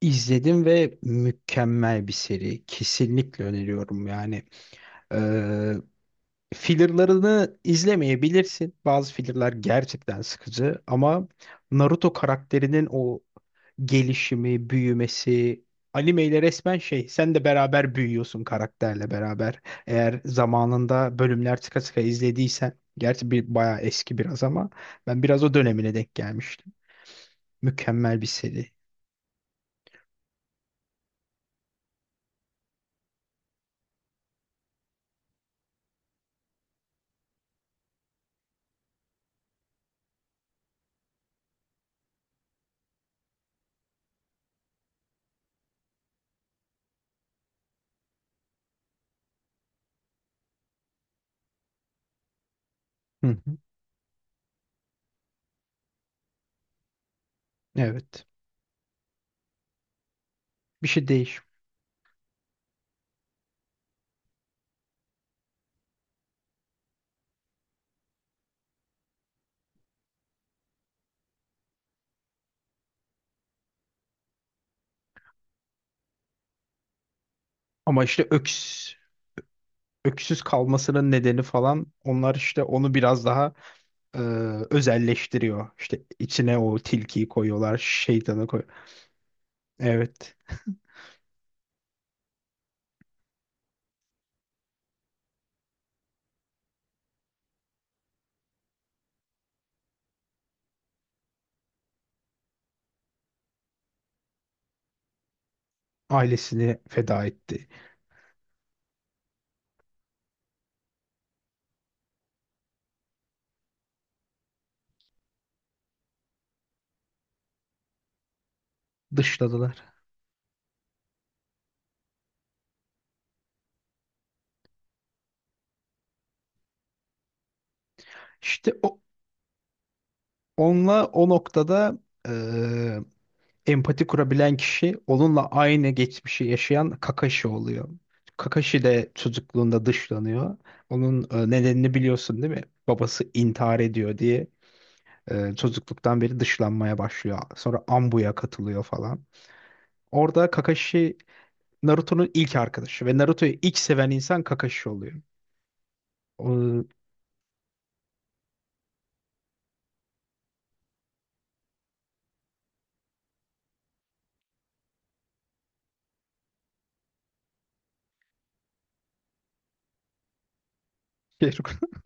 İzledim ve mükemmel bir seri. Kesinlikle öneriyorum yani. Ee, fillerlarını izlemeyebilirsin. Bazı fillerlar gerçekten sıkıcı ama Naruto karakterinin o gelişimi, büyümesi, animeyle resmen şey, sen de beraber büyüyorsun karakterle beraber. Eğer zamanında bölümler sıka sıka izlediysen, gerçi bir bayağı eski biraz ama ben biraz o dönemine denk gelmiştim. Mükemmel bir seri. Hı hı. Evet. Bir şey değiş. Ama işte öksüz kalmasının nedeni falan onlar işte onu biraz daha e, özelleştiriyor. İşte içine o tilkiyi koyuyorlar, şeytanı koyuyor. Evet. Ailesini feda etti. Dışladılar. İşte onunla o noktada eee, empati kurabilen kişi onunla aynı geçmişi yaşayan Kakashi oluyor. Kakashi de çocukluğunda dışlanıyor. Onun nedenini biliyorsun değil mi? Babası intihar ediyor diye çocukluktan beri dışlanmaya başlıyor. Sonra Ambu'ya katılıyor falan. Orada Kakashi Naruto'nun ilk arkadaşı ve Naruto'yu ilk seven insan Kakashi oluyor. O,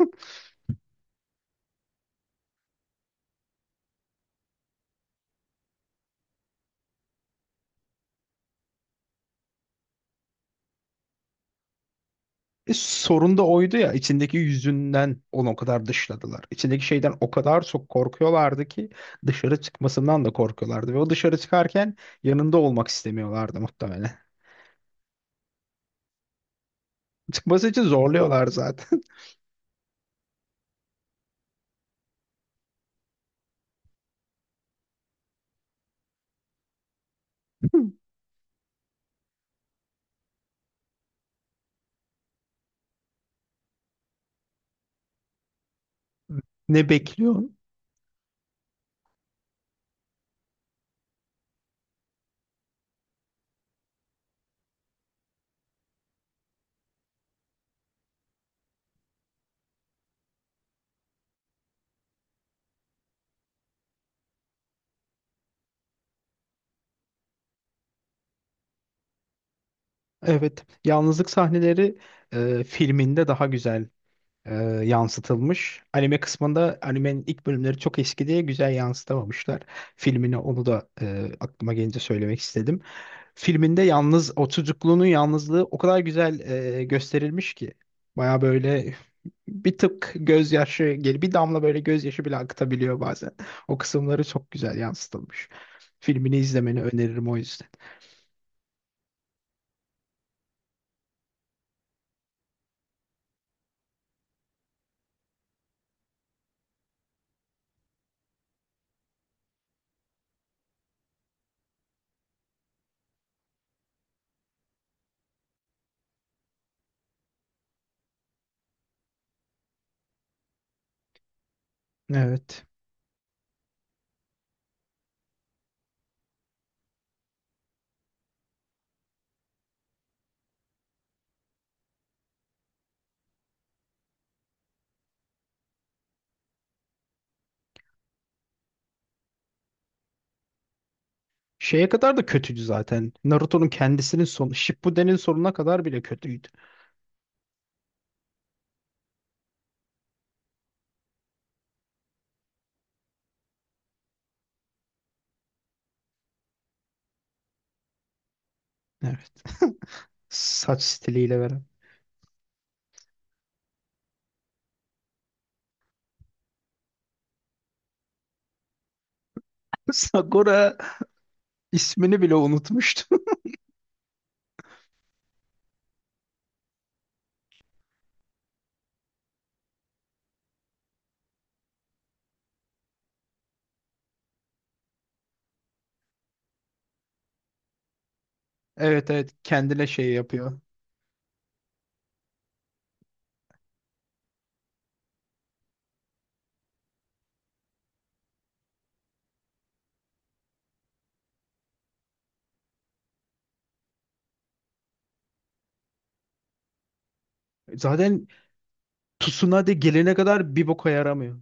Sorun da oydu ya içindeki yüzünden onu o kadar dışladılar. İçindeki şeyden o kadar çok korkuyorlardı ki dışarı çıkmasından da korkuyorlardı. Ve o dışarı çıkarken yanında olmak istemiyorlardı muhtemelen. Çıkması için zorluyorlar zaten. Ne bekliyorsun? Evet. Yalnızlık sahneleri filminde daha güzel e, yansıtılmış. Anime kısmında animenin ilk bölümleri çok eski diye güzel yansıtamamışlar. Filmini onu da aklıma gelince söylemek istedim. Filminde yalnız o çocukluğunun yalnızlığı o kadar güzel gösterilmiş ki. Baya böyle bir tık gözyaşı gel bir damla böyle gözyaşı bile akıtabiliyor bazen. O kısımları çok güzel yansıtılmış. Filmini izlemeni öneririm o yüzden. Evet. Şeye kadar da kötüydü zaten. Naruto'nun kendisinin sonu, Shippuden'in sonuna kadar bile kötüydü. Evet. Saç stiliyle veren. Sakura ismini bile unutmuştu. Evet, evet, kendine şey yapıyor. Zaten Tsunade gelene kadar bir boka yaramıyor.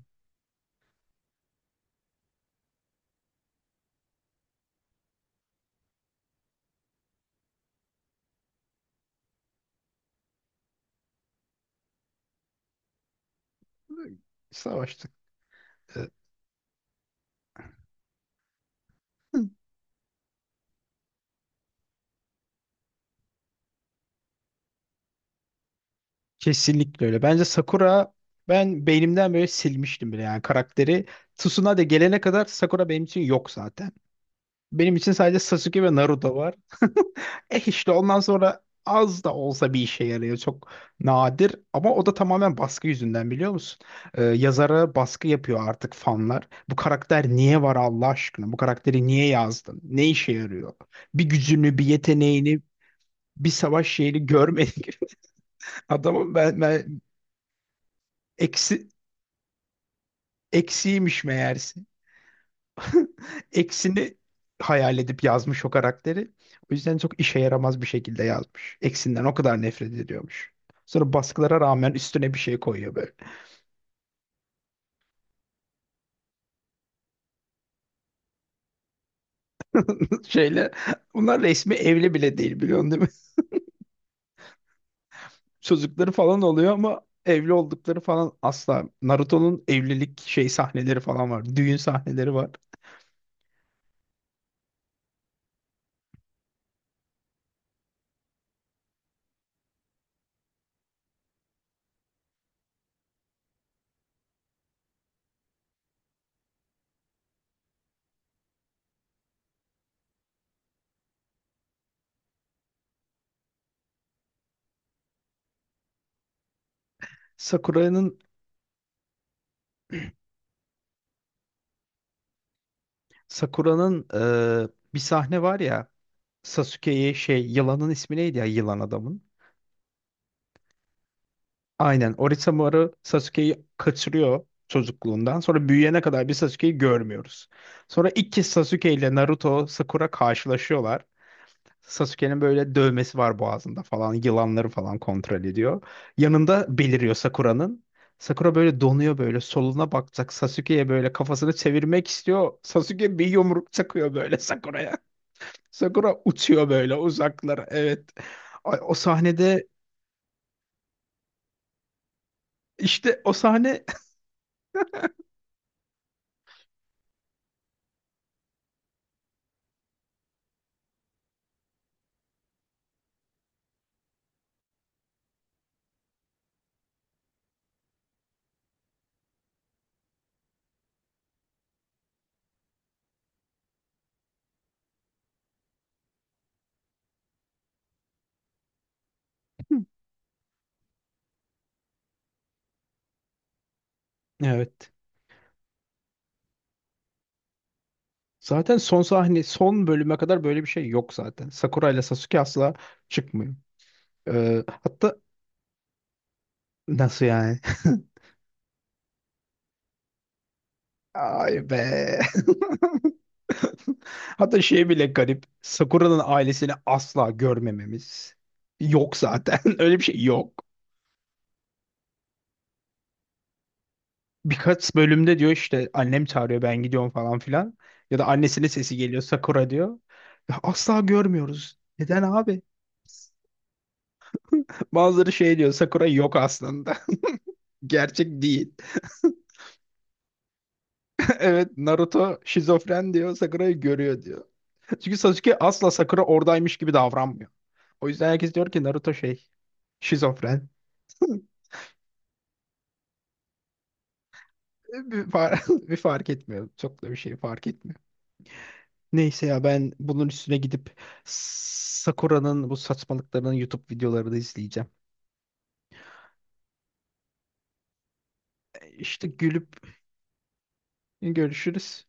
Savaştık. Evet. Kesinlikle öyle. Bence Sakura ben beynimden böyle silmiştim bile yani karakteri. Tsunade gelene kadar Sakura benim için yok zaten. Benim için sadece Sasuke ve Naruto var. Eh işte ondan sonra az da olsa bir işe yarıyor. Çok nadir ama o da tamamen baskı yüzünden biliyor musun? Yazara baskı yapıyor artık fanlar. Bu karakter niye var Allah aşkına? Bu karakteri niye yazdın? Ne işe yarıyor? Bir gücünü, bir yeteneğini, bir savaş şeyini görmedik. Adamın ben eksi, eksiymiş meğerse. Eksini hayal edip yazmış o karakteri. O yüzden çok işe yaramaz bir şekilde yazmış. Eksinden o kadar nefret ediyormuş. Sonra baskılara rağmen üstüne bir şey koyuyor böyle. Şeyle. Bunlar resmi evli bile değil biliyorsun değil mi? Çocukları falan oluyor ama evli oldukları falan asla. Naruto'nun evlilik şey sahneleri falan var. Düğün sahneleri var. Sakura'nın Sakura'nın bir sahne var ya Sasuke'ye şey yılanın ismi neydi ya yılan adamın? Aynen Orochimaru Sasuke'yi kaçırıyor çocukluğundan. Sonra büyüyene kadar bir Sasuke'yi görmüyoruz. Sonra ilk kez Sasuke ile Naruto Sakura karşılaşıyorlar. Sasuke'nin böyle dövmesi var boğazında falan. Yılanları falan kontrol ediyor. Yanında beliriyor Sakura'nın. Sakura böyle donuyor böyle soluna bakacak. Sasuke'ye böyle kafasını çevirmek istiyor. Sasuke bir yumruk çakıyor böyle Sakura'ya. Sakura uçuyor böyle uzaklara. Evet. Ay, o sahnede işte o sahne Evet. Zaten son sahne, son bölüme kadar böyle bir şey yok zaten. Sakura ile Sasuke asla çıkmıyor. Hatta nasıl yani? Ay be. Hatta şey bile garip. Sakura'nın ailesini asla görmememiz. Yok zaten. Öyle bir şey yok. Birkaç bölümde diyor işte annem çağırıyor ben gidiyorum falan filan. Ya da annesinin sesi geliyor Sakura diyor. Ya asla görmüyoruz. Neden abi? Bazıları şey diyor Sakura yok aslında. Gerçek değil. Evet Naruto şizofren diyor Sakura'yı görüyor diyor. Çünkü Sasuke asla Sakura oradaymış gibi davranmıyor. O yüzden herkes diyor ki Naruto şey şizofren. Bir, far bir fark etmiyor. Çok da bir şey fark etmiyor. Neyse ya ben bunun üstüne gidip Sakura'nın bu saçmalıklarının YouTube videolarını izleyeceğim. İşte gülüp görüşürüz.